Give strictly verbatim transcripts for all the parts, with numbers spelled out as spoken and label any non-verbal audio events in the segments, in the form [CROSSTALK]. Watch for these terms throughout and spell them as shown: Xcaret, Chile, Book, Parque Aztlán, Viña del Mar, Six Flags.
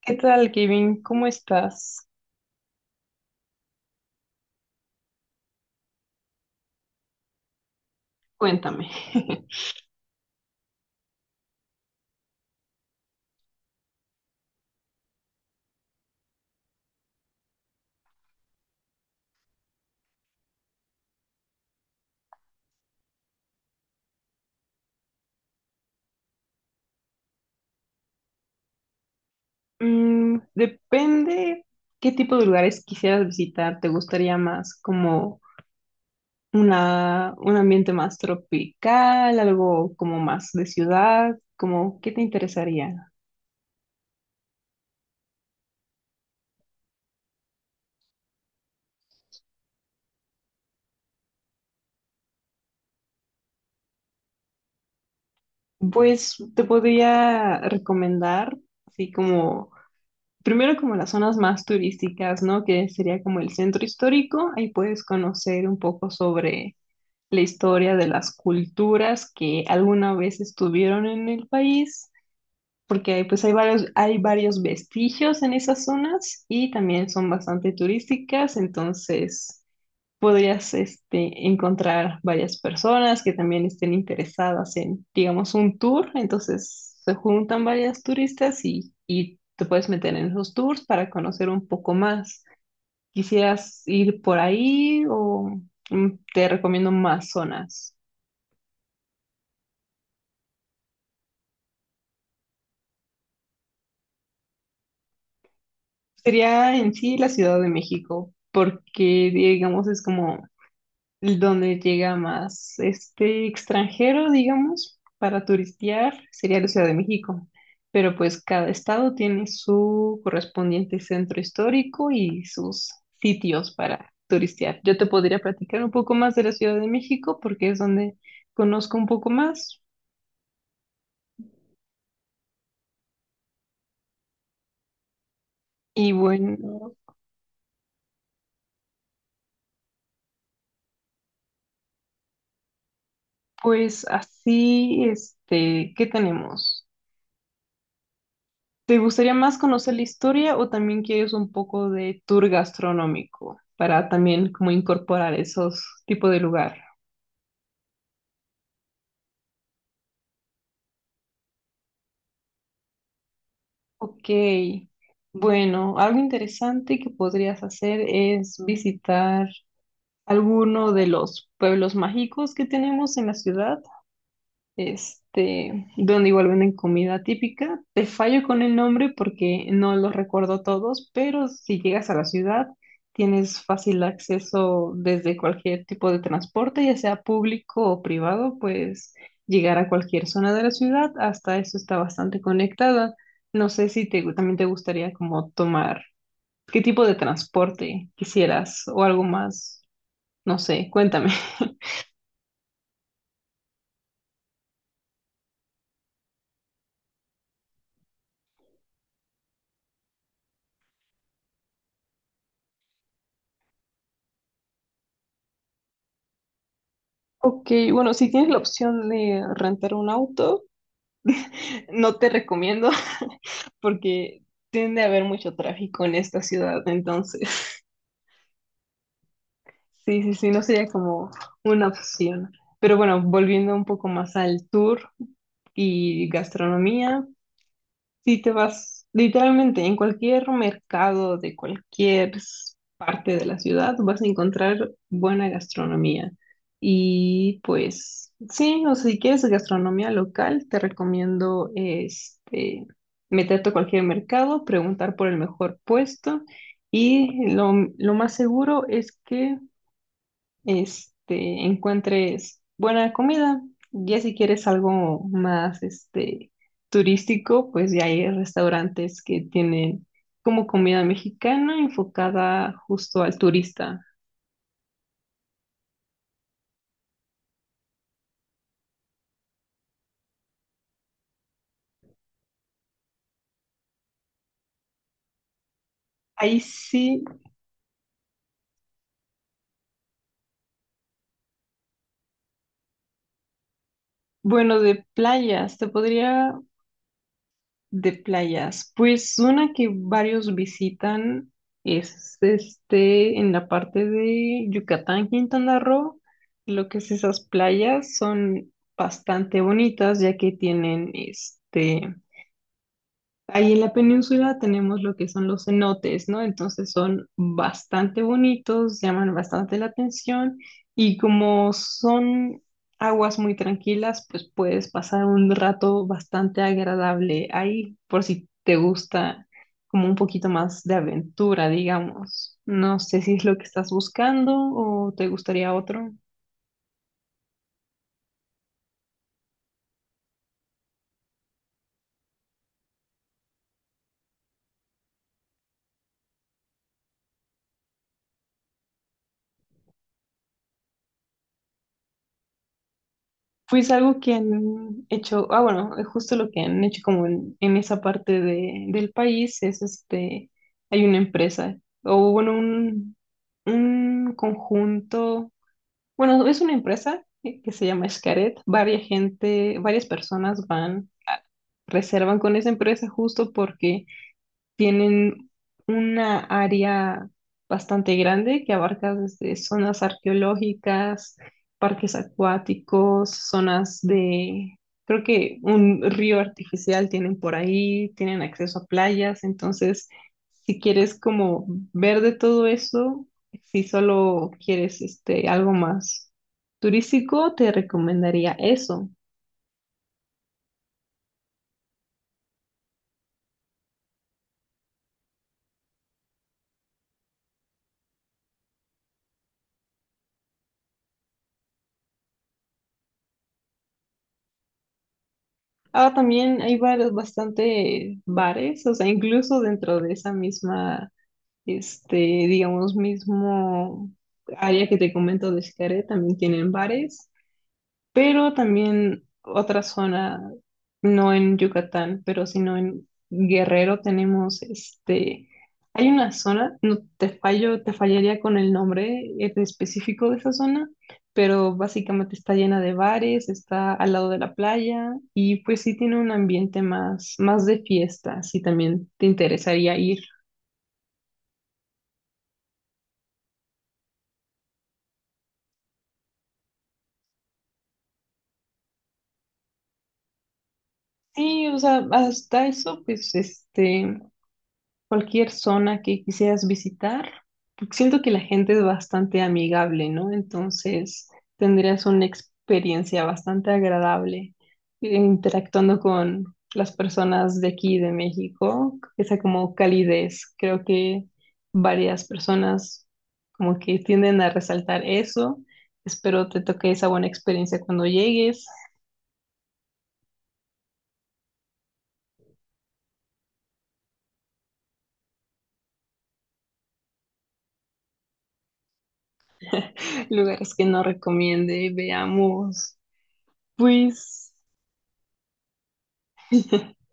¿Qué tal, Kevin? ¿Cómo estás? Cuéntame. [LAUGHS] Mm, depende qué tipo de lugares quisieras visitar. ¿Te gustaría más como una, un ambiente más tropical, algo como más de ciudad? Como, ¿qué te interesaría? Pues te podría recomendar, así como, primero como las zonas más turísticas, ¿no? Que sería como el centro histórico. Ahí puedes conocer un poco sobre la historia de las culturas que alguna vez estuvieron en el país, porque hay, pues hay varios, hay varios vestigios en esas zonas y también son bastante turísticas, entonces podrías este, encontrar varias personas que también estén interesadas en, digamos, un tour, entonces se juntan varias turistas y, y te puedes meter en esos tours para conocer un poco más. ¿Quisieras ir por ahí o mm, te recomiendo más zonas? Sería en sí la Ciudad de México, porque digamos es como donde llega más este extranjero, digamos, para turistear, sería la Ciudad de México. Pero pues cada estado tiene su correspondiente centro histórico y sus sitios para turistear. Yo te podría platicar un poco más de la Ciudad de México porque es donde conozco un poco más. Y bueno, pues así, este, ¿qué tenemos? ¿Te gustaría más conocer la historia o también quieres un poco de tour gastronómico para también como incorporar esos tipos de lugar? Ok, bueno, algo interesante que podrías hacer es visitar alguno de los pueblos mágicos que tenemos en la ciudad. Este, donde igual venden comida típica. Te fallo con el nombre porque no los recuerdo todos, pero si llegas a la ciudad, tienes fácil acceso desde cualquier tipo de transporte, ya sea público o privado, pues llegar a cualquier zona de la ciudad, hasta eso está bastante conectada. No sé si te, también te gustaría como tomar, qué tipo de transporte quisieras o algo más, no sé, cuéntame. Ok, bueno, si tienes la opción de rentar un auto, no te recomiendo [LAUGHS] porque tiende a haber mucho tráfico en esta ciudad, entonces sí, sí, sí, no sería como una opción. Pero bueno, volviendo un poco más al tour y gastronomía, si te vas literalmente en cualquier mercado de cualquier s- parte de la ciudad, vas a encontrar buena gastronomía. Y pues sí, o si quieres gastronomía local, te recomiendo este meterte a cualquier mercado, preguntar por el mejor puesto y lo, lo más seguro es que este, encuentres buena comida. Ya si quieres algo más, este, turístico, pues ya hay restaurantes que tienen como comida mexicana enfocada justo al turista. Ahí sí, bueno, de playas, te podría de playas, pues una que varios visitan es este en la parte de Yucatán, Quintana Roo. Lo que es esas playas son bastante bonitas ya que tienen este ahí en la península tenemos lo que son los cenotes, ¿no? Entonces son bastante bonitos, llaman bastante la atención y como son aguas muy tranquilas, pues puedes pasar un rato bastante agradable ahí, por si te gusta como un poquito más de aventura, digamos. No sé si es lo que estás buscando o te gustaría otro. Pues algo que han hecho, ah, bueno, es justo lo que han hecho como en, en esa parte de, del país es este, hay una empresa, o bueno, un, un conjunto, bueno, es una empresa que, que se llama Xcaret, varias gente, varias personas van, reservan con esa empresa justo porque tienen una área bastante grande que abarca desde zonas arqueológicas, parques acuáticos, zonas de, creo que un río artificial tienen por ahí, tienen acceso a playas, entonces si quieres como ver de todo eso, si solo quieres este algo más turístico, te recomendaría eso. Ahora también hay varios, bastante bares, o sea, incluso dentro de esa misma Este, digamos, mismo área que te comento de Xcaret, también tienen bares, pero también otra zona, no en Yucatán, pero sino en Guerrero tenemos este, hay una zona, no te fallo, te fallaría con el nombre en específico de esa zona, pero básicamente está llena de bares, está al lado de la playa y pues sí tiene un ambiente más, más de fiesta, si también te interesaría ir. Sí, o sea, hasta eso, pues, este, cualquier zona que quisieras visitar, siento que la gente es bastante amigable, ¿no? Entonces, tendrías una experiencia bastante agradable eh, interactuando con las personas de aquí, de México, esa como calidez. Creo que varias personas como que tienden a resaltar eso. Espero te toque esa buena experiencia cuando llegues. Lugares que no recomiende, veamos. Pues [LAUGHS]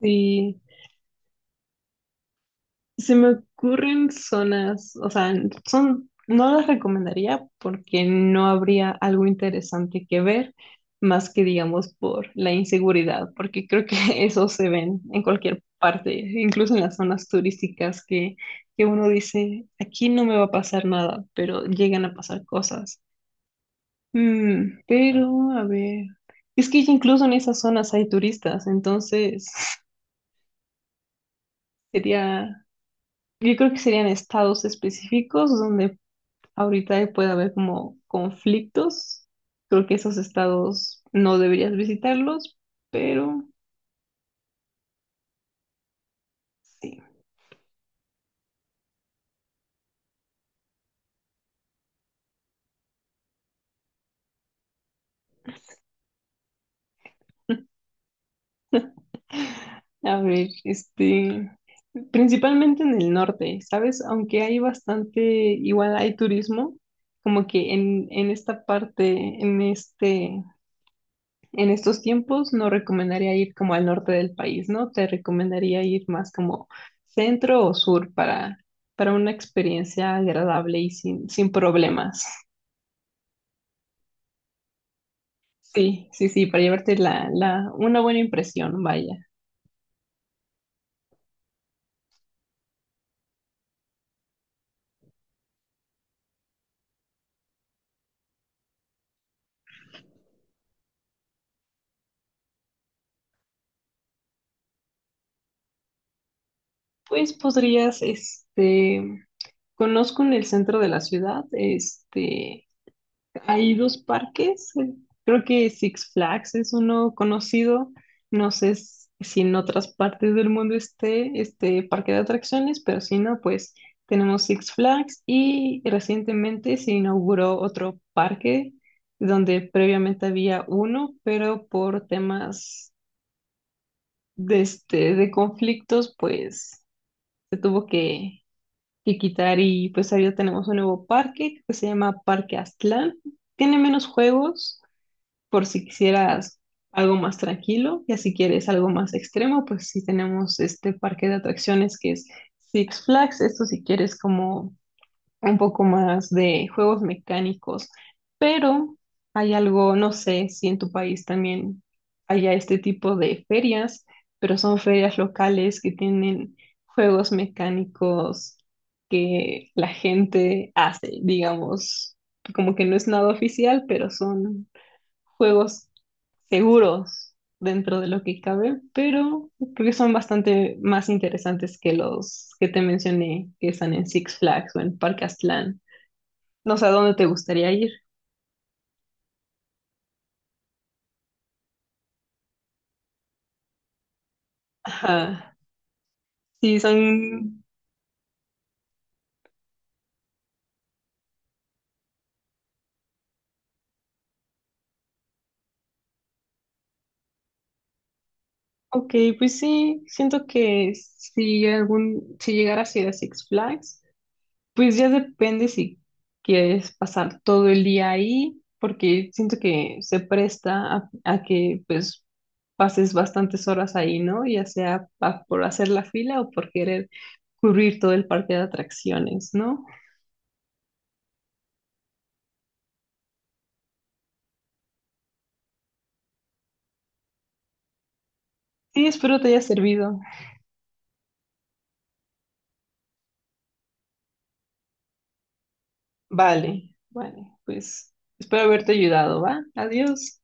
sí, se me ocurren zonas, o sea, son, no las recomendaría porque no habría algo interesante que ver, más que digamos por la inseguridad, porque creo que [LAUGHS] eso se ven en cualquier parte, incluso en las zonas turísticas que, que uno dice, aquí no me va a pasar nada, pero llegan a pasar cosas. Mm, pero, a ver, es que incluso en esas zonas hay turistas, entonces [LAUGHS] sería yo creo que serían estados específicos donde ahorita puede haber como conflictos. Creo que esos estados no deberías visitarlos, pero sí. [LAUGHS] A ver, este, principalmente en el norte, ¿sabes? Aunque hay bastante, igual hay turismo, como que en, en esta parte, en este en estos tiempos no recomendaría ir como al norte del país, ¿no? Te recomendaría ir más como centro o sur para, para una experiencia agradable y sin, sin problemas. Sí, sí, sí, para llevarte la, la, una buena impresión, vaya. Pues podrías, este, conozco en el centro de la ciudad, este, hay dos parques, eh, creo que Six Flags es uno conocido, no sé s- si en otras partes del mundo esté este parque de atracciones, pero si no, pues tenemos Six Flags y recientemente se inauguró otro parque donde previamente había uno, pero por temas de, este, de conflictos, pues se tuvo que, que quitar y pues ahora tenemos un nuevo parque que se llama Parque Aztlán, tiene menos juegos por si quisieras algo más tranquilo, y si quieres algo más extremo, pues sí tenemos este parque de atracciones que es Six Flags, esto si quieres como un poco más de juegos mecánicos, pero hay algo, no sé si en tu país también haya este tipo de ferias, pero son ferias locales que tienen juegos mecánicos que la gente hace, digamos, como que no es nada oficial, pero son juegos seguros dentro de lo que cabe, pero creo que son bastante más interesantes que los que te mencioné, que están en Six Flags o en Parque Aztlán. No sé a dónde te gustaría ir. Ajá. Sí, son... Ok, pues sí, siento que si algún, si llegaras a ir a Six Flags, pues ya depende si quieres pasar todo el día ahí, porque siento que se presta a, a que pues pases bastantes horas ahí, ¿no? Ya sea pa- por hacer la fila o por querer cubrir todo el parque de atracciones, ¿no? Sí, espero te haya servido. Vale, vale, pues espero haberte ayudado, ¿va? Adiós.